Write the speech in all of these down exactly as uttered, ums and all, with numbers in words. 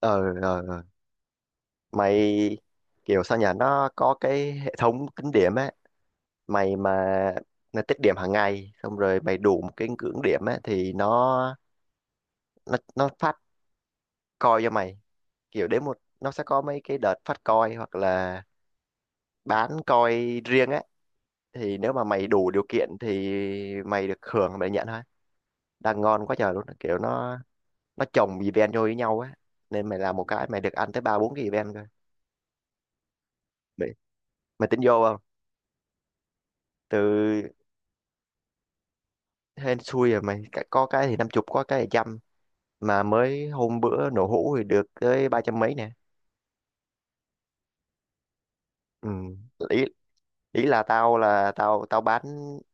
ờ ờ ờ. Mày kiểu sao nhỉ, nó có cái hệ thống tính điểm á. Mày mà Nó tích điểm hàng ngày, xong rồi mày đủ một cái ngưỡng điểm á thì nó nó nó phát coin cho mày. Kiểu đến một nó sẽ có mấy cái đợt phát coin hoặc là bán coin riêng á. Thì nếu mà mày đủ điều kiện thì mày được hưởng, mày nhận thôi. Đang ngon quá trời luôn, kiểu nó nó chồng event vô với nhau á, nên mày làm một cái mày được ăn tới ba bốn cái event cơ mày, mày tính vô không? từ Hên xui rồi mày. Cả- có cái thì năm chục, có cái thì trăm, mà mới hôm bữa nổ hũ thì được tới ba trăm mấy nè. Ừ. ý Ý là tao là tao tao bán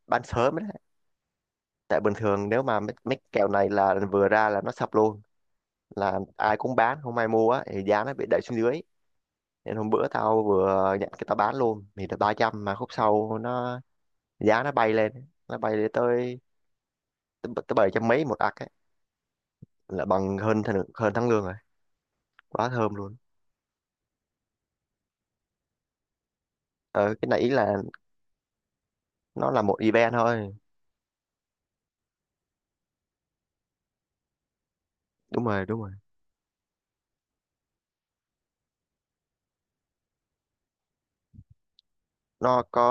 bán sớm đấy. Tại bình thường nếu mà mấy, mấy kèo này là vừa ra là nó sập luôn, là ai cũng bán không ai mua á, thì giá nó bị đẩy xuống dưới. Nên hôm bữa tao vừa nhận cái tao bán luôn thì được ba trăm, mà khúc sau nó giá nó bay lên, nó bay lên tới tới bảy trăm mấy một ạc ấy, là bằng hơn thằng- hơn tháng lương rồi. Quá thơm luôn. Ờ cái này ý là nó là một event thôi. Đúng rồi, đúng rồi. Nó có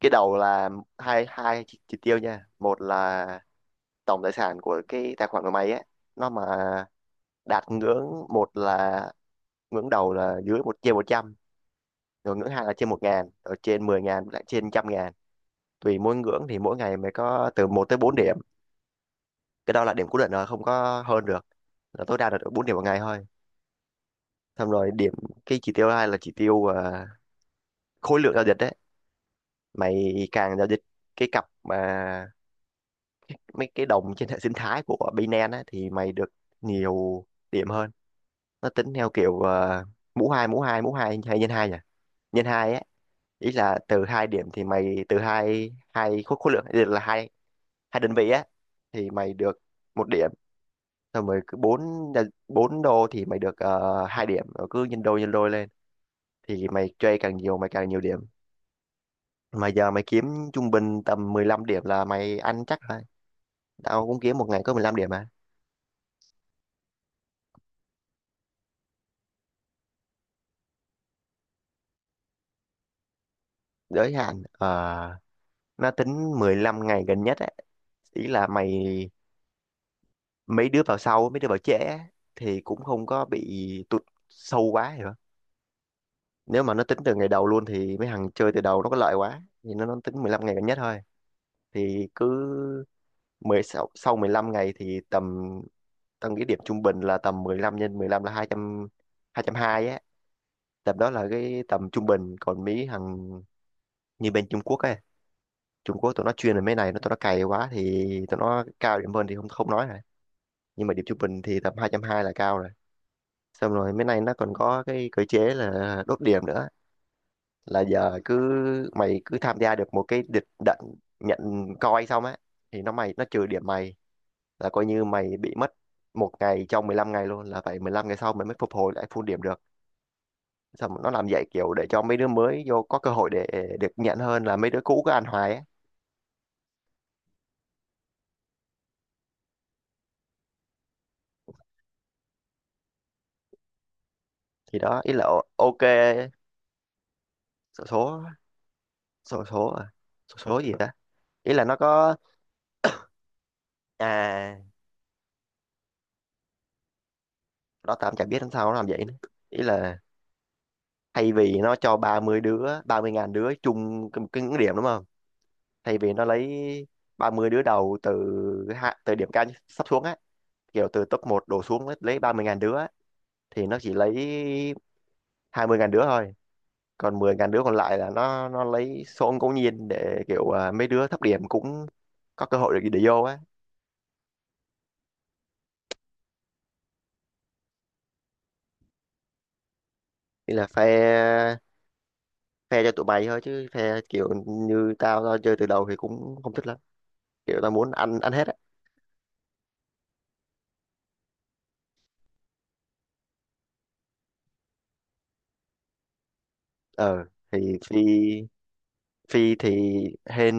cái đầu là hai hai chỉ, chỉ tiêu nha. Một là tổng tài sản của cái tài khoản của mày á, nó mà đạt ngưỡng một là ngưỡng đầu là dưới một trên một trăm, rồi ngưỡng hai là trên một ngàn, rồi trên mười ngàn, lại trên trăm ngàn. Tùy mỗi ngưỡng thì mỗi ngày mày có từ một tới bốn điểm. Cái đó là điểm cố định rồi, không có hơn được, là tối đa là được bốn điểm một ngày thôi. Xong rồi điểm, cái chỉ tiêu hai là chỉ tiêu à, khối lượng giao dịch đấy. Mày càng giao dịch cái cặp mà mấy cái đồng trên hệ sinh thái của Binance á, thì mày được nhiều điểm hơn. Nó tính theo kiểu ờ, mũ hai mũ hai mũ hai hay nhân hai nhỉ, nhân hai á. Ý là từ hai điểm thì mày từ hai hai khối khối lượng, ý là hai hai đơn vị á thì mày được một điểm. Xong rồi cứ bốn bốn đô thì mày được uh, hai điểm, rồi cứ nhân đôi, nhân đôi lên. Thì mày chơi càng nhiều mày càng nhiều điểm. Mà giờ mày kiếm trung bình tầm mười lăm điểm là mày ăn chắc. Tao cũng kiếm một ngày có mười lăm điểm mà. Giới hạn ờ, nó tính mười lăm ngày gần nhất á. Ý là mày, mấy đứa vào sau mấy đứa vào trễ á thì cũng không có bị tụt sâu quá, hiểu không? Nếu mà nó tính từ ngày đầu luôn thì mấy thằng chơi từ đầu nó có lợi quá, thì nó, nó tính mười lăm ngày gần nhất thôi. Thì cứ mười sáu sau mười lăm ngày thì tầm, tao nghĩ điểm trung bình là tầm mười lăm nhân mười lăm là hai trăm, hai trăm hai mươi á. Tầm đó là cái tầm trung bình. Còn mấy thằng như bên Trung Quốc ấy, Trung Quốc tụi nó chuyên về mấy này, nó tụi nó cày quá thì tụi nó cao điểm hơn thì không không nói rồi. Nhưng mà điểm trung bình thì tầm hai trăm hai là cao rồi. Xong rồi mấy này nó còn có cái cơ chế là đốt điểm nữa. Là giờ cứ mày cứ tham gia được một cái địch đận, nhận coi xong á, thì nó mày nó trừ điểm mày, là coi như mày bị mất một ngày trong mười lăm ngày luôn, là phải mười lăm ngày sau mày mới phục hồi lại full điểm được. Xong rồi nó làm vậy kiểu để cho mấy đứa mới vô có cơ hội để được nhận, hơn là mấy đứa cũ cứ ăn hoài á. Thì đó ý là, ok. số số Số số à? Số số gì ta Ý là nó có, à đó tạm chả biết làm sao nó làm vậy nữa. Ý là thay vì nó cho ba mươi đứa, ba mươi ngàn đứa chung cái, cái ngưỡng điểm đúng không, thay vì nó lấy ba mươi đứa đầu từ hạ từ điểm cao nhất sắp xuống á, kiểu từ top một đổ xuống lấy ba mươi ngàn đứa á, thì nó chỉ lấy hai mươi ngàn đứa thôi, còn mười ngàn đứa còn lại là nó nó lấy số ngẫu nhiên, để kiểu à, mấy đứa thấp điểm cũng có cơ hội để, để vô á. Ý là phe, phe cho tụi mày thôi, chứ phe kiểu như tao tao chơi từ đầu thì cũng không thích lắm. Kiểu tao muốn ăn ăn hết á. Ờ thì phi phi thì hên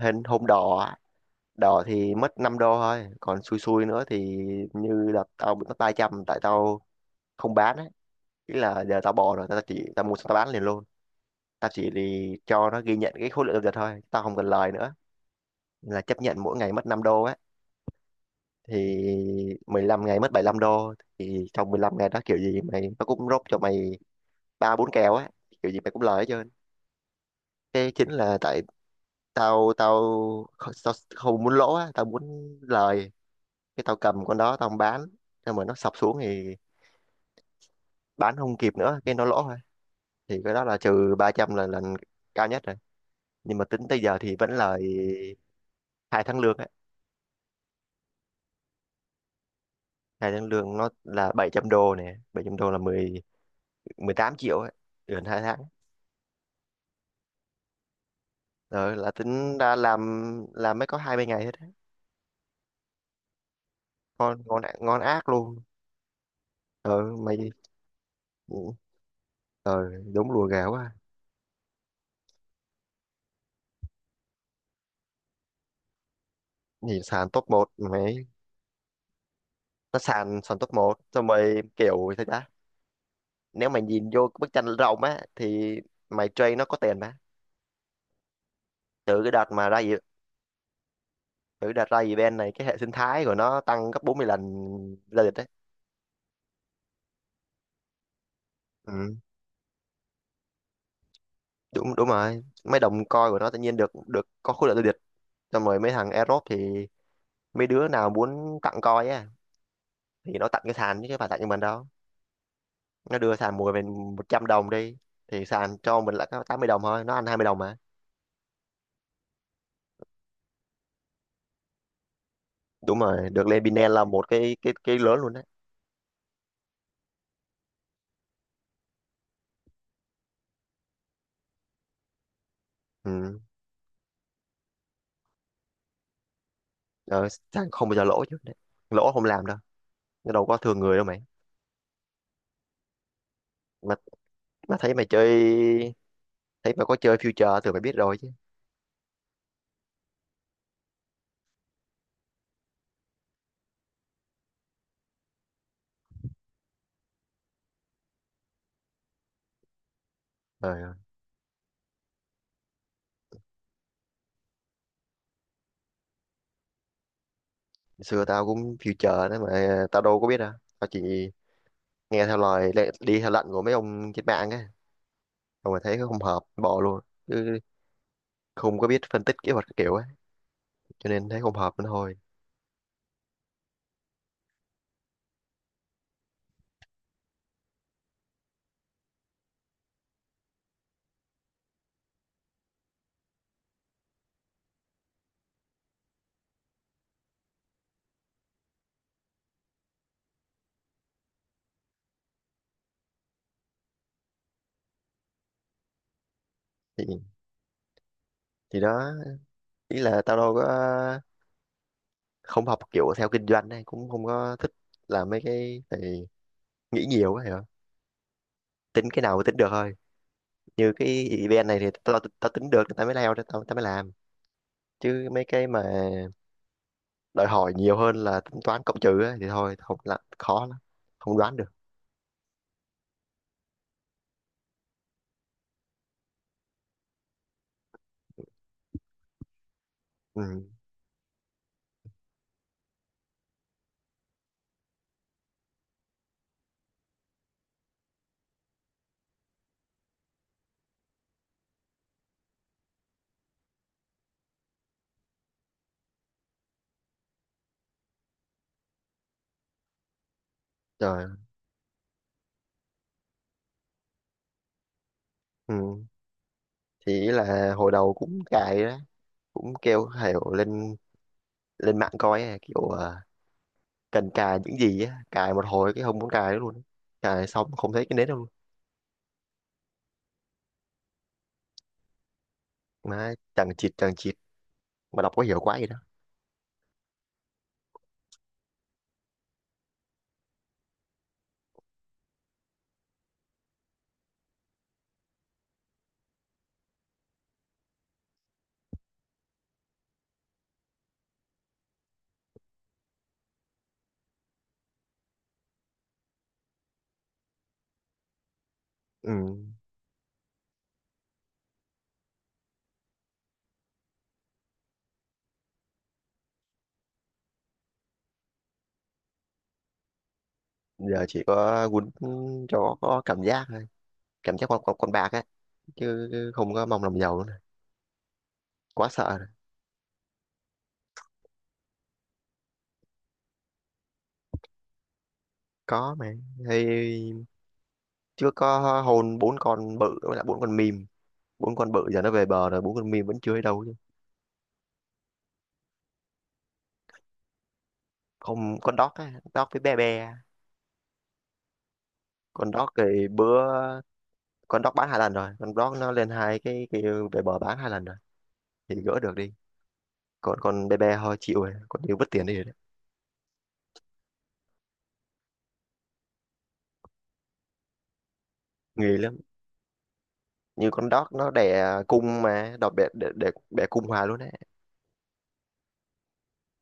hên hôm đỏ á. Đỏ thì mất năm đô thôi, còn xui xui nữa thì như là tao bị mất ba trăm, tại tao không bán á. Ý là giờ tao bỏ rồi, tao chỉ tao mua xong tao bán liền luôn, tao chỉ thì cho nó ghi nhận cái khối lượng giao dịch thôi, tao không cần lời nữa, là chấp nhận mỗi ngày mất năm đô á. Thì mười lăm ngày mất bảy mươi lăm đô, thì trong mười lăm ngày đó kiểu gì mày nó cũng rốt cho mày ba bốn kèo á, kiểu gì mày cũng lời hết trơn. Cái chính là tại tao tao không, tao không muốn lỗ á, tao muốn lời. Cái tao cầm con đó tao không bán, nhưng mà nó sập xuống thì bán không kịp nữa, cái nó lỗ thôi. Thì cái đó là trừ ba trăm là lần cao nhất rồi, nhưng mà tính tới giờ thì vẫn lời hai tháng lương á. Hai tháng lương nó là bảy trăm đô nè, bảy trăm đô là mười mười tám triệu á, gần hai tháng. Ờ, là tính ra làm làm mới có hai ba ngày hết á. Ngon, ngon ạ- ngon ác luôn ờ mày. Ừ, ờ đúng lùa gà quá à. Nhìn sàn top một mày, nó sàn sàn top một, xong mày kiểu sao ta. Nếu mày nhìn vô cái bức tranh rộng á thì mày trade nó có tiền mà. từ cái đợt mà ra gì Từ cái đợt ra event này cái hệ sinh thái của nó tăng gấp bốn mươi lần, ra địch đấy. Ừ, đúng đúng rồi, mấy đồng coin của nó tự nhiên được được có khối lượng ra địch. Xong rồi mấy thằng Aerobe thì mấy đứa nào muốn tặng coin á, thì nó tặng cái sàn, chứ chứ phải tặng cho mình đâu. Nó đưa sàn mua mình một trăm đồng đi, thì sàn cho mình lại có tám mươi đồng thôi, nó ăn hai mươi đồng mà. Đúng rồi, được lên Binance là một cái cái cái lớn luôn đấy. Ừ. Ờ, sàn không bao giờ lỗ chứ đấy. Lỗ không làm đâu, nó đâu có thường người đâu mày. Mà mà thấy mày chơi Thấy mày có chơi future thì mày biết rồi chứ. Trời ơi, xưa tao cũng future đấy mà tao đâu có biết đâu. Tao chỉ nghe theo lời lệ- đi theo lệnh của mấy ông trên mạng á, xong rồi thấy không hợp bỏ luôn. Chứ không có biết phân tích kỹ thuật các kiểu á, cho nên thấy không hợp nữa thôi. thì thì đó ý là tao đâu có không học kiểu, theo kinh doanh này cũng không có thích làm mấy cái. Thì nghĩ nhiều quá hiểu không? Tính cái nào mà tính được thôi. Như cái event này thì tao tao tính được thì tao mới lao ra, tao tao mới làm. Chứ mấy cái mà đòi hỏi nhiều hơn là tính toán cộng trừ á, thì thôi, không là khó lắm, không đoán được. Ừ, trời ơi. Ừ thì ý là hồi đầu cũng cài đó, cũng kêu hiểu lên, lên mạng coi á, kiểu à, cần cài những gì á, cài một hồi cái không muốn cài nữa luôn. Cài xong không thấy cái nến đâu luôn, mà chẳng chịt chẳng chịt, mà đọc có hiểu quá gì đó. Ừ. Giờ chỉ có quýnh cho có cảm giác thôi, cảm giác con con, con bạc á, chứ không có mong làm giàu nữa nè. Quá sợ rồi. Có mà, thì chưa có hôn bốn con bự với lại bốn con mìm, bốn con bự giờ nó về bờ rồi, bốn con mìm vẫn chưa ở đâu chứ. Không, con dog á, dog với bé bé. Con dog thì bữa, con dog bán hai lần rồi, con dog nó lên hai cái, cái về bờ, bán hai lần rồi thì gỡ được đi. Còn con bé bé thôi chịu rồi, con như mất tiền đi rồi đấy. Nghỉ lắm, như con dog nó đẻ cung mà đọt bẹ, để, để bẹ cung hoài luôn đấy.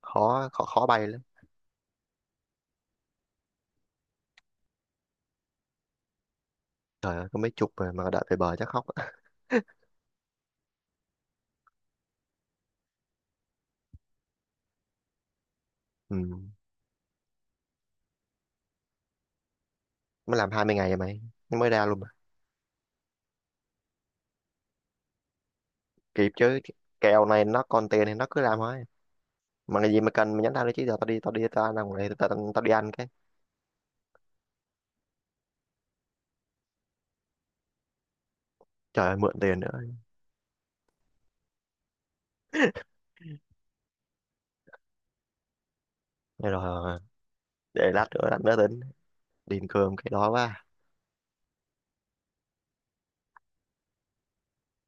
Khó, khó khó bay lắm. Trời ơi có mấy chục mà, mà đợi về bờ chắc khóc. Ừ. Mới làm hai mươi ngày rồi mày, nó mới ra luôn mà. Kịp chứ, kèo này nó còn tiền thì nó cứ làm thôi. Mà cái gì mà cần mình nhắn tao đi, chứ giờ tao đi, tao đi tao ăn đồng này, tao, tao, tao đi ăn cái. Trời ơi mượn tiền nữa. Thế rồi để lát nữa, lát nữa tính đi ăn cơm cái đó quá.